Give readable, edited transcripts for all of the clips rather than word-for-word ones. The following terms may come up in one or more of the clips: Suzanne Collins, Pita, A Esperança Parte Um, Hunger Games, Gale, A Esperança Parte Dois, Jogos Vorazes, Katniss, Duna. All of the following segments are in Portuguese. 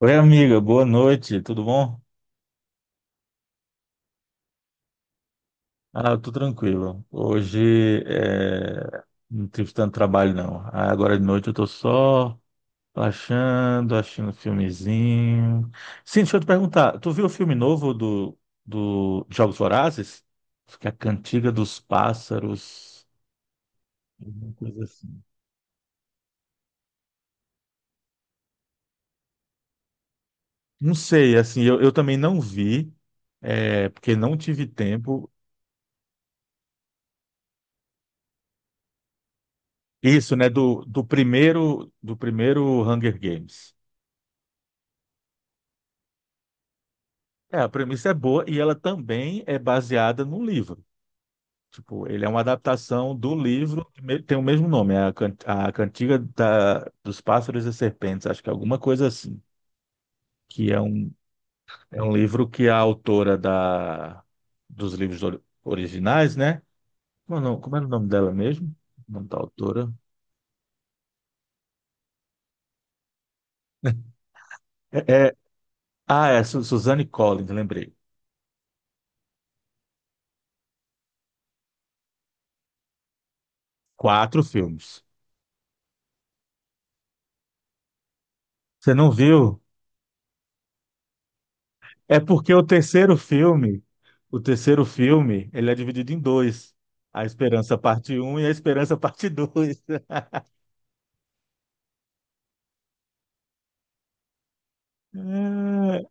Oi, amiga, boa noite, tudo bom? Ah, eu tô tranquilo. Hoje é, não tive tanto trabalho, não. Ah, agora de noite eu tô só relaxando, assistindo um filmezinho. Sim, deixa eu te perguntar, tu viu o filme novo do, do Jogos Vorazes? Acho que é a Cantiga dos Pássaros, alguma coisa assim. Não sei, assim, eu também não vi, é, porque não tive tempo. Isso, né, do primeiro Hunger Games. É, a premissa é boa e ela também é baseada num livro. Tipo, ele é uma adaptação do livro, que tem o mesmo nome, é a, a Cantiga dos Pássaros e Serpentes, acho que é alguma coisa assim, que é um livro que a autora dos livros originais, né? Como era o nome dela mesmo? O nome da autora? É, é- ah, é Suzanne Collins, lembrei. Quatro filmes. Você não viu? É porque o terceiro filme, ele é dividido em dois. A Esperança Parte Um e a Esperança Parte Dois. É,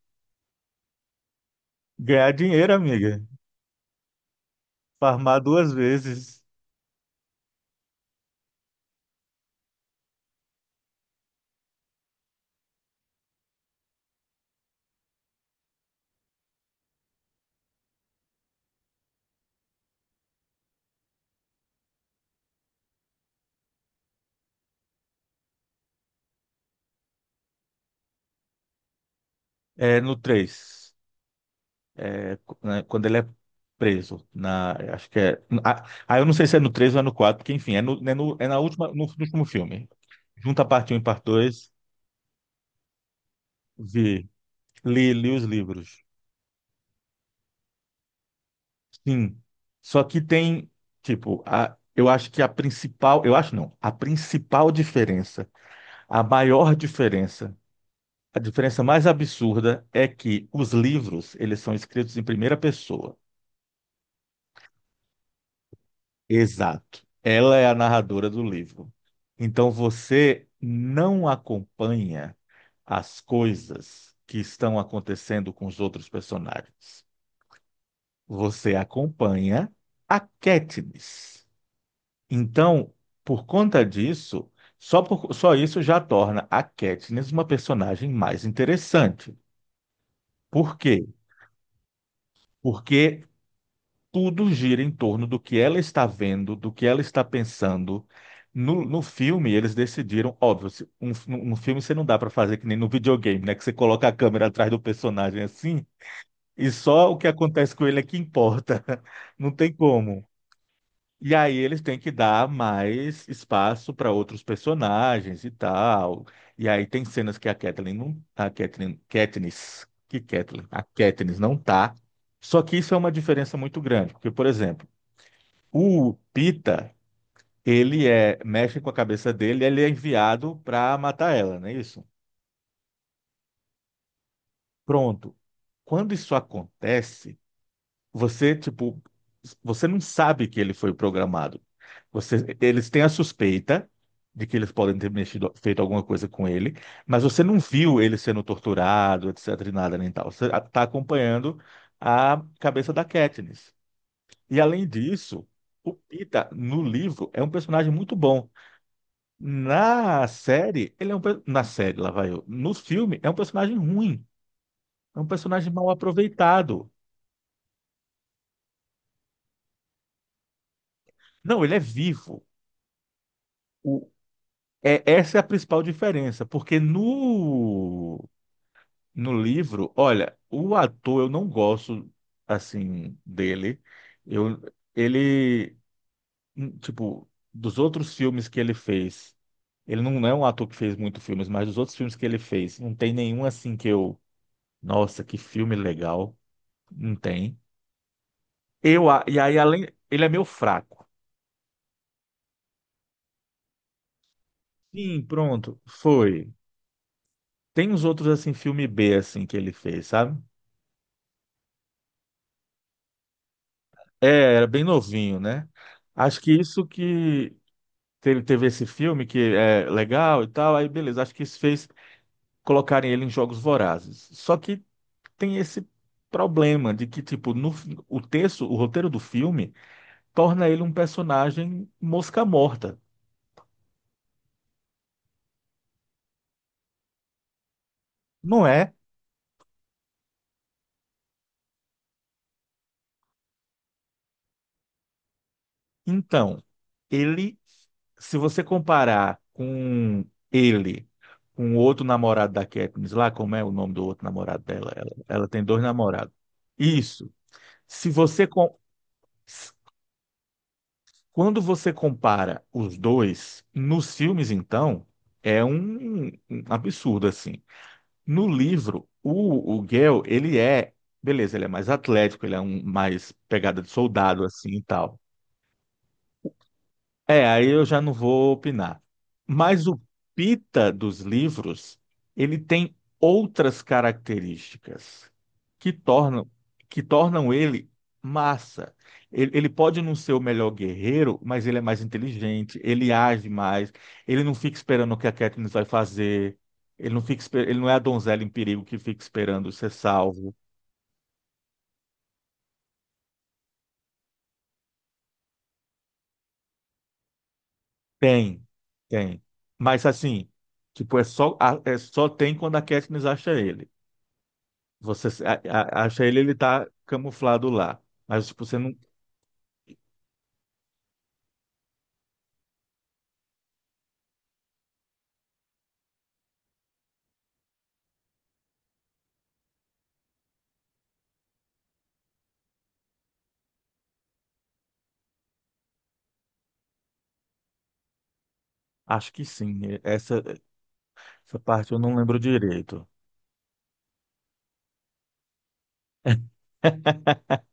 ganhar dinheiro, amiga. Farmar duas vezes. É no três. É, né, quando ele é preso. Acho que é. Ah, ah, eu não sei se é no 3 ou é no 4, porque enfim, é, é na última, no último filme. Junta a Parte Um e Parte Dois. Vi. Li os livros. Sim. Só que tem, tipo, eu acho que a principal, eu acho não, a principal diferença, a maior diferença, a diferença mais absurda é que os livros, eles são escritos em primeira pessoa. Exato. Ela é a narradora do livro. Então você não acompanha as coisas que estão acontecendo com os outros personagens. Você acompanha a Katniss. Então, por conta disso, só isso já torna a Katniss uma personagem mais interessante. Por quê? Porque tudo gira em torno do que ela está vendo, do que ela está pensando. No filme, eles decidiram, óbvio, no filme você não dá para fazer que nem no videogame, né? Que você coloca a câmera atrás do personagem assim, e só o que acontece com ele é que importa. Não tem como. E aí eles têm que dar mais espaço para outros personagens e tal. E aí tem cenas que a Catelyn não, a Catelyn, Katniss, que Catelyn, a Katniss não tá. Só que isso é uma diferença muito grande, porque por exemplo, o Pita, ele é mexe com a cabeça dele, ele é enviado para matar ela, não é isso? Pronto. Quando isso acontece você, tipo, você não sabe que ele foi programado. Eles têm a suspeita de que eles podem ter mexido, feito alguma coisa com ele, mas você não viu ele sendo torturado, etc, e nada nem tal. Você está acompanhando a cabeça da Katniss. E além disso, o Pita no livro é um personagem muito bom. Na série, ele é um na série, lá vai eu. No filme é um personagem ruim, é um personagem mal aproveitado. Não, ele é vivo. É, essa é a principal diferença, porque no, no livro, olha, o ator eu não gosto assim dele. Eu, ele, tipo, dos outros filmes que ele fez, ele não é um ator que fez muitos filmes, mas dos outros filmes que ele fez, não tem nenhum assim que eu, nossa, que filme legal, não tem. E aí além, ele é meio fraco. Sim, pronto, foi. Tem uns outros assim filme B assim que ele fez, sabe? É, era bem novinho, né? Acho que isso que teve esse filme que é legal e tal, aí beleza, acho que isso fez colocarem ele em jogos vorazes. Só que tem esse problema de que, tipo, no, o texto, o roteiro do filme torna ele um personagem mosca morta, não é? Então, ele, se você comparar com ele, com o outro namorado da Katniss lá, como é o nome do outro namorado dela? Ela tem dois namorados. Isso. Se você com- Quando você compara os dois nos filmes, então é um absurdo assim. No livro, o Gale, beleza, ele é mais atlético, ele é um mais pegada de soldado assim e tal. É, aí eu já não vou opinar. Mas o Pita dos livros, ele tem outras características que tornam, que tornam ele massa. Ele pode não ser o melhor guerreiro, mas ele é mais inteligente, ele age mais, ele não fica esperando o que a Katniss vai fazer, ele não é a donzela em perigo que fica esperando ser salvo. Tem, tem. Mas assim, tipo, é só tem quando a Katniss acha ele. Você acha ele, ele tá camuflado lá. Mas tipo, você não. Acho que sim. Essa parte eu não lembro direito.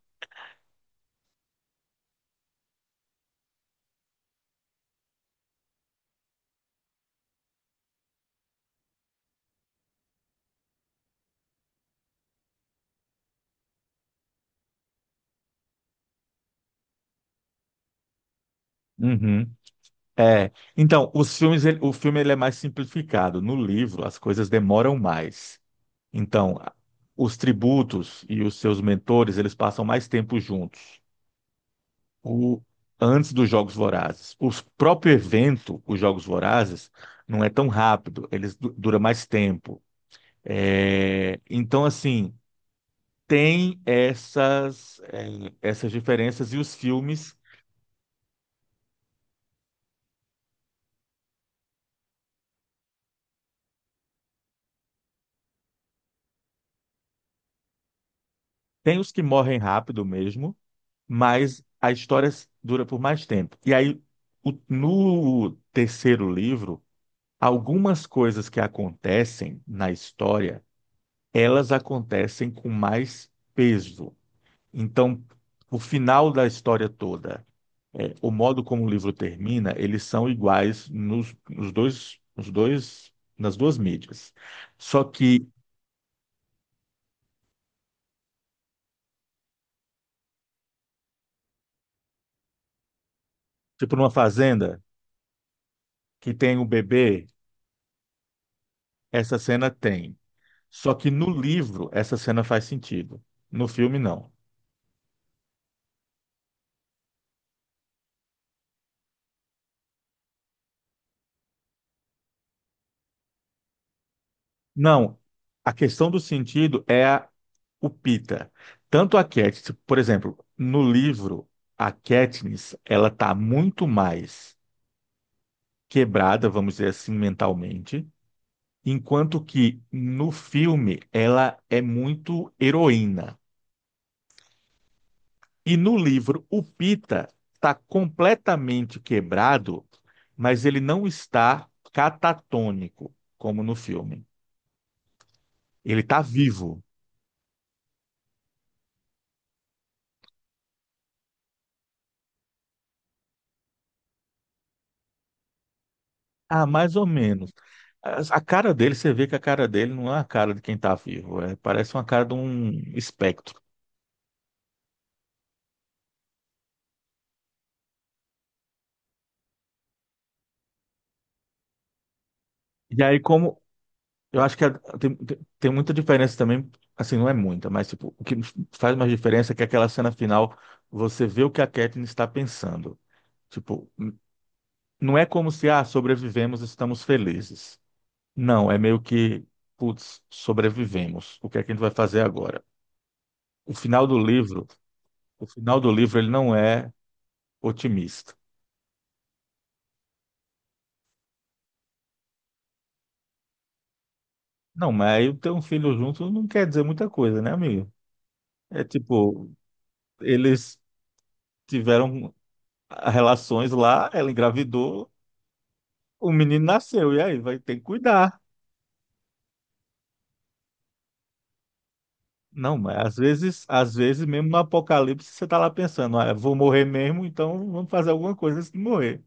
Uhum. É. Então, os filmes, o filme ele é mais simplificado. No livro, as coisas demoram mais. Então, os tributos e os seus mentores, eles passam mais tempo juntos. O, Antes dos Jogos Vorazes. O próprio evento, os Jogos Vorazes, não é tão rápido. Eles dura mais tempo. É, então, assim, tem essas, essas diferenças e os filmes, tem os que morrem rápido mesmo, mas a história dura por mais tempo. E aí, no terceiro livro, algumas coisas que acontecem na história, elas acontecem com mais peso. Então, o final da história toda. É, o modo como o livro termina, eles são iguais nos, nos dois, nas duas mídias. Só que, tipo, numa fazenda que tem o bebê, essa cena tem. Só que no livro, essa cena faz sentido. No filme, não. Não, a questão do sentido é o Pita. Tanto a Katniss, por exemplo, no livro, a Katniss, ela tá muito mais quebrada, vamos dizer assim, mentalmente. Enquanto que no filme ela é muito heroína. E no livro, o Pita está completamente quebrado, mas ele não está catatônico, como no filme. Ele está vivo. Ah, mais ou menos. A cara dele, você vê que a cara dele não é a cara de quem está vivo. Parece uma cara de um espectro. E aí, como eu acho que tem muita diferença também, assim, não é muita, mas tipo, o que faz mais diferença é que aquela cena final você vê o que a Katniss está pensando. Tipo, não é como se, ah, sobrevivemos, estamos felizes. Não, é meio que, putz, sobrevivemos. O que é que a gente vai fazer agora? O final do livro, o final do livro ele não é otimista. Não, mas aí ter um filho junto não quer dizer muita coisa, né, amigo? É tipo, eles tiveram relações lá, ela engravidou, o menino nasceu, e aí? Vai ter que cuidar. Não, mas às vezes mesmo no apocalipse você tá lá pensando, ah, eu vou morrer mesmo, então vamos fazer alguma coisa antes de morrer.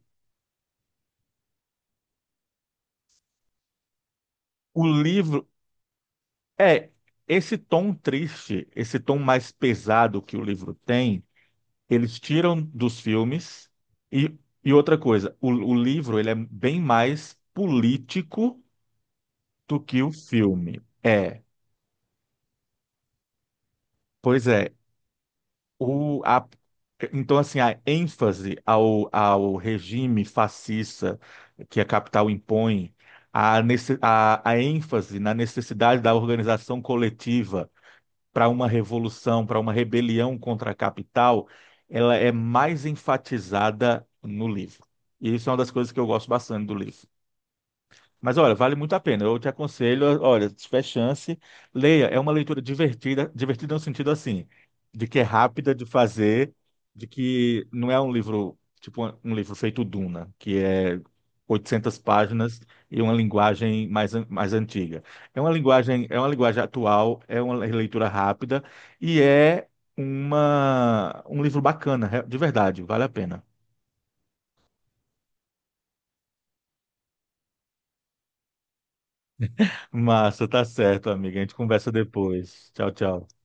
O livro é esse tom triste, esse tom mais pesado que o livro tem, eles tiram dos filmes e, e outra coisa, o livro ele é bem mais político do que o filme. É, pois é. O, a, então, assim, a ênfase ao, ao regime fascista que a capital impõe, a ênfase na necessidade da organização coletiva para uma revolução, para uma rebelião contra a capital, ela é mais enfatizada no livro. E isso é uma das coisas que eu gosto bastante do livro. Mas olha, vale muito a pena. Eu te aconselho, olha, se tiver chance, leia. É uma leitura divertida, divertida no sentido assim, de que é rápida de fazer, de que não é um livro, tipo um livro feito Duna, que é 800 páginas e uma linguagem mais, mais antiga. É uma linguagem atual, é uma leitura rápida e é um livro bacana, de verdade, vale a pena. Massa, tá certo, amiga. A gente conversa depois. Tchau, tchau.